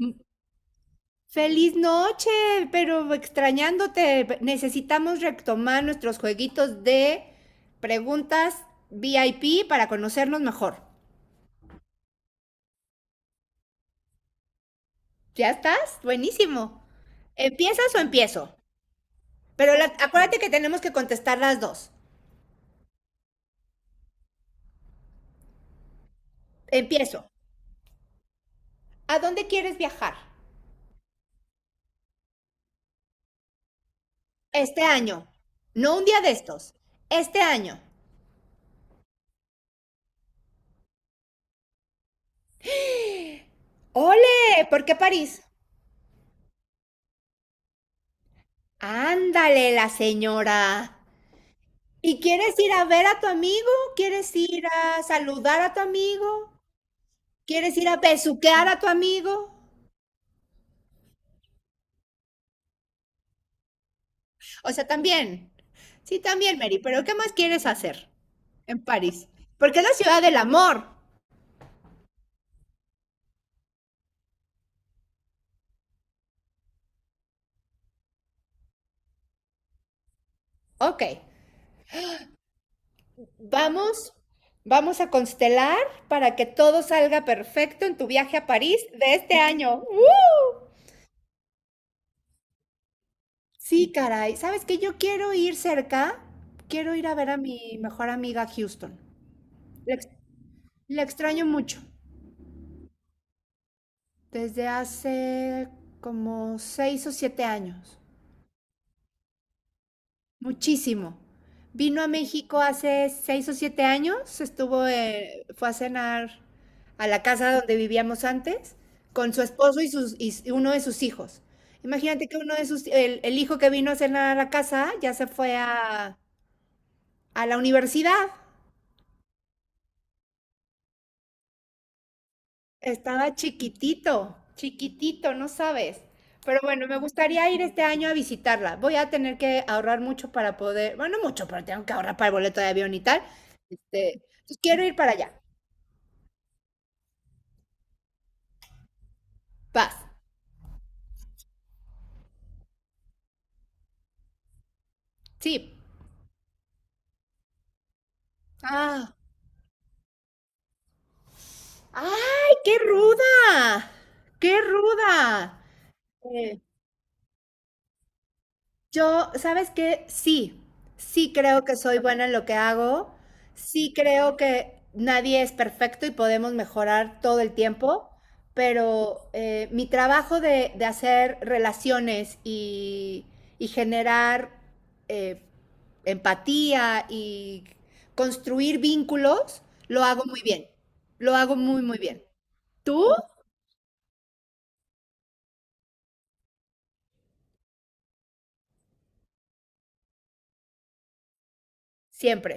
Mm, Feliz noche, pero extrañándote. Necesitamos retomar nuestros jueguitos de preguntas VIP para conocernos mejor. ¿Ya estás? Buenísimo. ¿Empiezas o empiezo? Pero acuérdate que tenemos que contestar las dos. Empiezo. ¿A dónde quieres viajar? Este año. No un día de estos. Este año. ¡Ole! ¿Por qué París? Ándale, la señora. ¿Y quieres ir a ver a tu amigo? ¿Quieres ir a saludar a tu amigo? ¿Quieres ir a besuquear a tu amigo? O sea, también. Sí, también, Mary, pero ¿qué más quieres hacer en París? Porque es la ciudad del amor. Ok, vamos, vamos a constelar para que todo salga perfecto en tu viaje a París de este año. ¡Uh! Sí, caray. ¿Sabes qué? Yo quiero ir cerca. Quiero ir a ver a mi mejor amiga a Houston. La ex- la extraño mucho. Desde hace como seis o siete años, muchísimo. Vino a México hace seis o siete años, estuvo, fue a cenar a la casa donde vivíamos antes con su esposo y uno de sus hijos. Imagínate que uno de sus, el hijo que vino a cenar a la casa ya se fue a la universidad. Estaba chiquitito, chiquitito, no sabes. Pero bueno, me gustaría ir este año a visitarla. Voy a tener que ahorrar mucho para poder, bueno, no mucho, pero tengo que ahorrar para el boleto de avión y tal. Este, pues quiero ir para allá. Paz. Sí. Ah. ¡Ay, qué ruda! ¡Qué ruda! Eh, Yo, ¿sabes qué? Sí, sí creo que soy buena en lo que hago, sí creo que nadie es perfecto y podemos mejorar todo el tiempo, pero mi trabajo de hacer relaciones y generar eh, empatía y construir vínculos, lo hago muy bien, lo hago muy, muy bien. ¿Tú? Siempre,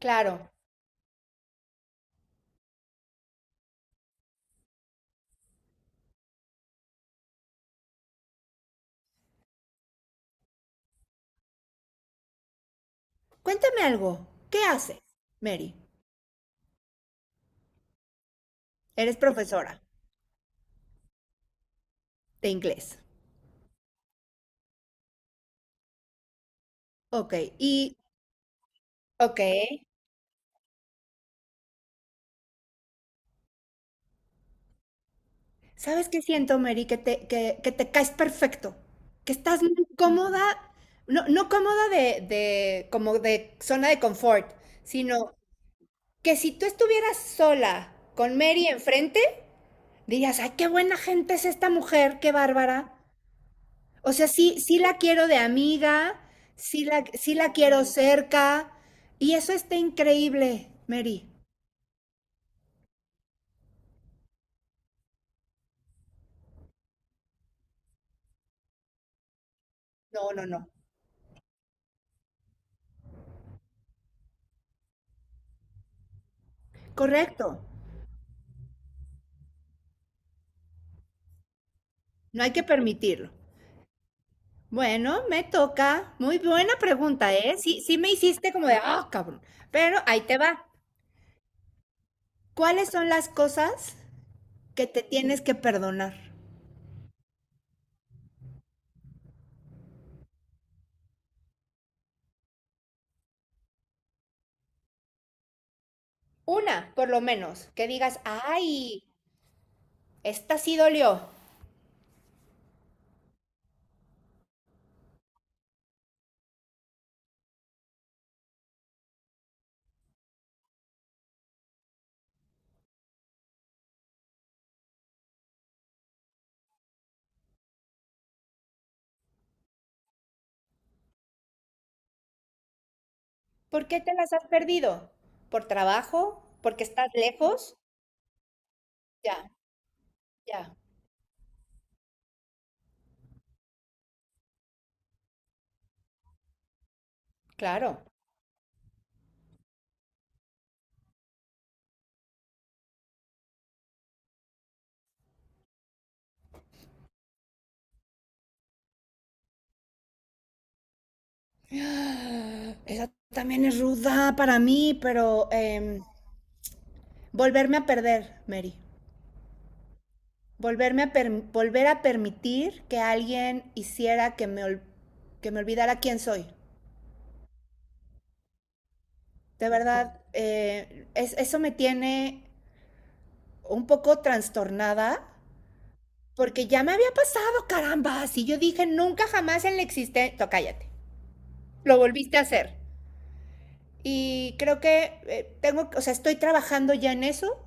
claro. Cuéntame algo, ¿qué haces, Mary? Eres profesora. De inglés. Ok, y, ok, ¿sabes qué siento, Mary? Que te caes perfecto, que estás muy cómoda, no, no cómoda de, como de zona de confort, sino que si tú estuvieras sola con Mary enfrente, dirías, ay, qué buena gente es esta mujer, qué bárbara. O sea, sí, sí la quiero de amiga, sí la quiero cerca, y eso está increíble, Mary. No, no, no. Correcto. No hay que permitirlo. Bueno, me toca. Muy buena pregunta, ¿eh? Sí, sí me hiciste como de, ah, cabrón. Pero ahí te va. ¿Cuáles son las cosas que te tienes que perdonar? Una, por lo menos, que digas, ay, esta sí dolió. ¿Por qué te las has perdido? ¿Por trabajo? ¿Porque estás lejos? Ya, ya, claro. Esa también es ruda para mí, pero volverme a perder, Mary. Volver a permitir que alguien hiciera que me olvidara quién soy. De verdad, es eso me tiene un poco trastornada porque ya me había pasado, caramba. Si yo dije nunca jamás en la existencia, cállate, lo volviste a hacer. Y creo que tengo, o sea, estoy trabajando ya en eso.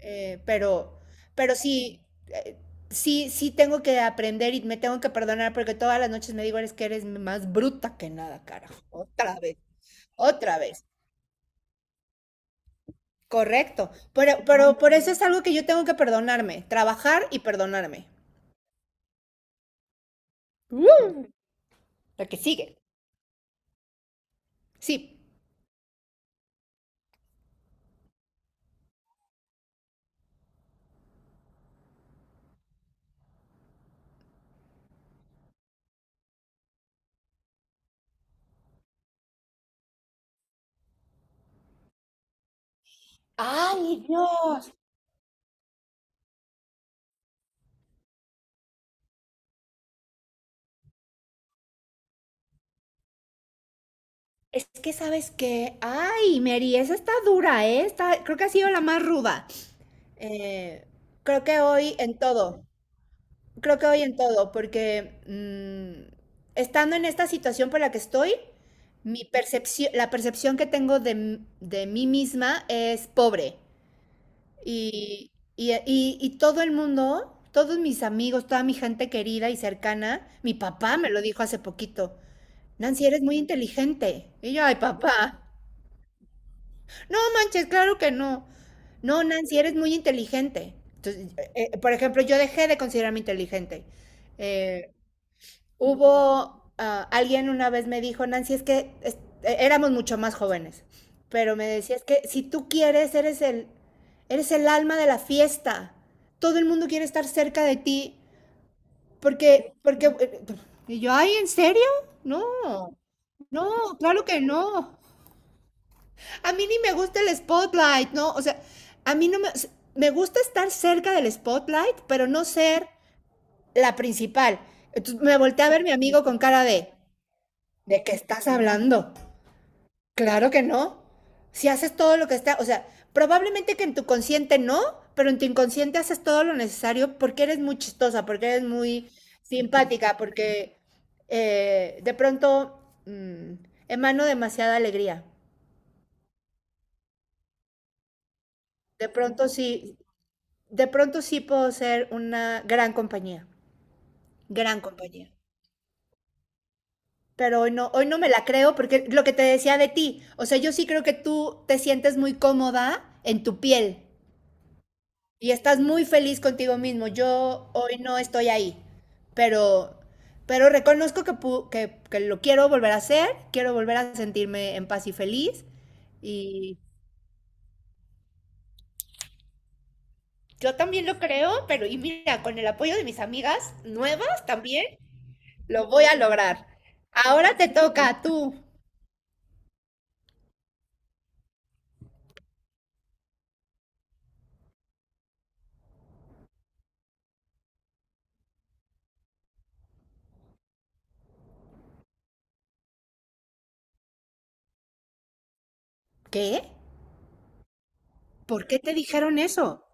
Eh, pero, pero sí, eh, sí, sí tengo que aprender y me tengo que perdonar porque todas las noches me digo, eres que eres más bruta que nada, carajo. Otra vez, otra vez. Correcto. Pero por eso es algo que yo tengo que perdonarme, trabajar y perdonarme. Uh, lo que sigue. Sí. ¡Ay, Dios! Es que sabes que, ay, Mary, esa está dura, ¿eh? Creo que ha sido la más ruda. Eh, creo que hoy en todo. Creo que hoy en todo, porque estando en esta situación por la que estoy, mi percepción, la percepción que tengo de mí misma es pobre. Y todo el mundo, todos mis amigos, toda mi gente querida y cercana, mi papá me lo dijo hace poquito, Nancy, eres muy inteligente. Y yo, ay, papá, no manches, claro que no. No, Nancy, eres muy inteligente. Entonces, por ejemplo, yo dejé de considerarme inteligente. Eh, Hubo, alguien una vez me dijo, Nancy, es que es, e, éramos mucho más jóvenes, pero me decía, es que si tú quieres, eres el alma de la fiesta. Todo el mundo quiere estar cerca de ti, porque, porque, eh, y yo, ay, ¿en serio? No, no, claro que no. A mí ni me gusta el spotlight, ¿no? O sea, a mí no me, me gusta estar cerca del spotlight, pero no ser la principal. Entonces me volteé a ver a mi amigo con cara de, ¿de qué estás hablando? Claro que no. Si haces todo lo que está, o sea, probablemente que en tu consciente no, pero en tu inconsciente haces todo lo necesario porque eres muy chistosa, porque eres muy simpática, porque de pronto mmm, emano demasiada alegría. De pronto sí, de pronto sí puedo ser una gran compañía, gran compañía. Pero hoy no me la creo porque lo que te decía de ti, o sea, yo sí creo que tú te sientes muy cómoda en tu piel, y estás muy feliz contigo mismo. Yo hoy no estoy ahí, pero, pero reconozco que lo quiero volver a hacer, quiero volver a sentirme en paz y feliz. Y yo también lo creo, pero y mira, con el apoyo de mis amigas nuevas también. Lo voy a lograr. Ahora te toca a tú. ¿Qué? ¿Por qué te dijeron eso?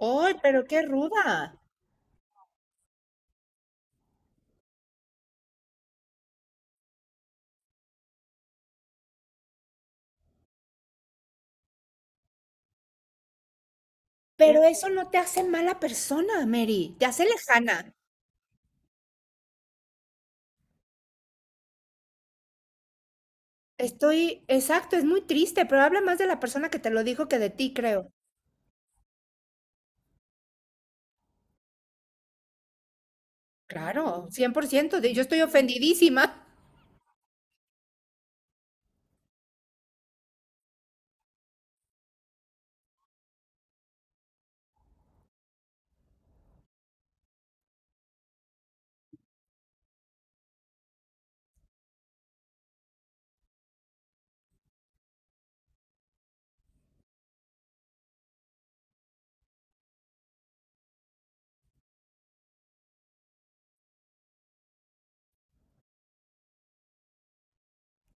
¡Ay, pero qué ruda! Pero eso no te hace mala persona, Mary. Te hace lejana. Estoy exacto, es muy triste, pero habla más de la persona que te lo dijo que de ti, creo. Claro, 100%, yo estoy ofendidísima.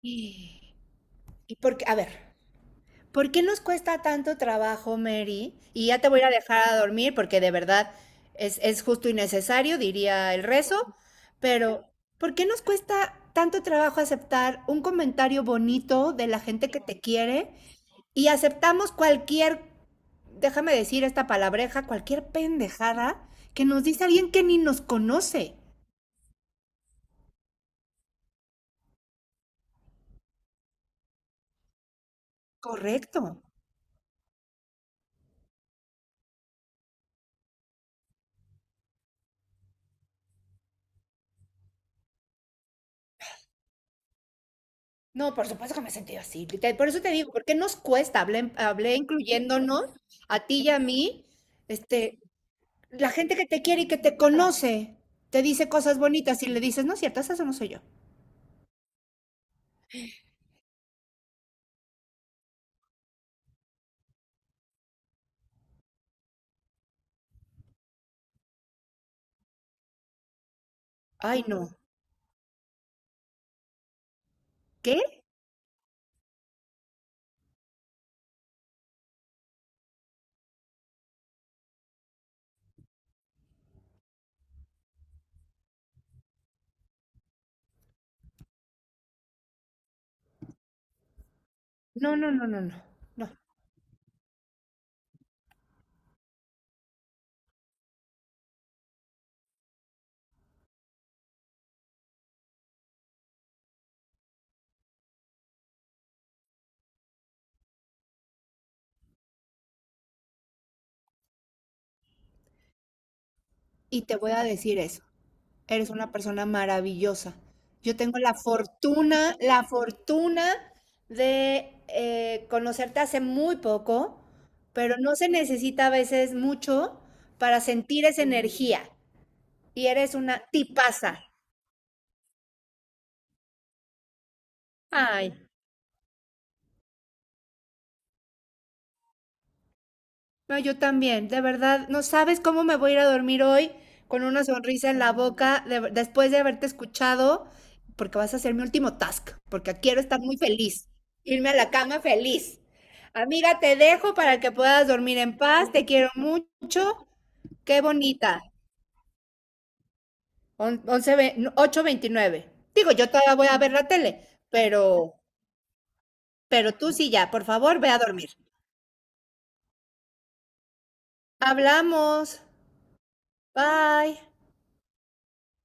Y y porque, a ver, ¿por qué nos cuesta tanto trabajo, Mary? Y ya te voy a dejar a dormir porque de verdad es justo y necesario, diría el rezo, pero ¿por qué nos cuesta tanto trabajo aceptar un comentario bonito de la gente que te quiere y aceptamos cualquier, déjame decir esta palabreja, cualquier pendejada que nos dice alguien que ni nos conoce. Correcto. No, por supuesto que me he sentido así. Por eso te digo, ¿por qué nos cuesta? Hablé, hablé incluyéndonos a ti y a mí. Este, la gente que te quiere y que te conoce te dice cosas bonitas y le dices, no es cierto, esa no soy yo. Ay, no. ¿Qué? No, no, no, no, no. No. Y te voy a decir eso. Eres una persona maravillosa. Yo tengo la fortuna de conocerte hace muy poco, pero no se necesita a veces mucho para sentir esa energía. Y eres una tipaza. Ay. No, yo también, de verdad, no sabes cómo me voy a ir a dormir hoy con una sonrisa en la boca después de haberte escuchado, porque vas a ser mi último task, porque quiero estar muy feliz, irme a la cama feliz. Amiga, te dejo para que puedas dormir en paz, te quiero mucho, qué bonita. On- once ve- no, 8:29. Digo, yo todavía voy a ver la tele, pero tú sí ya, por favor, ve a dormir. Hablamos. Bye.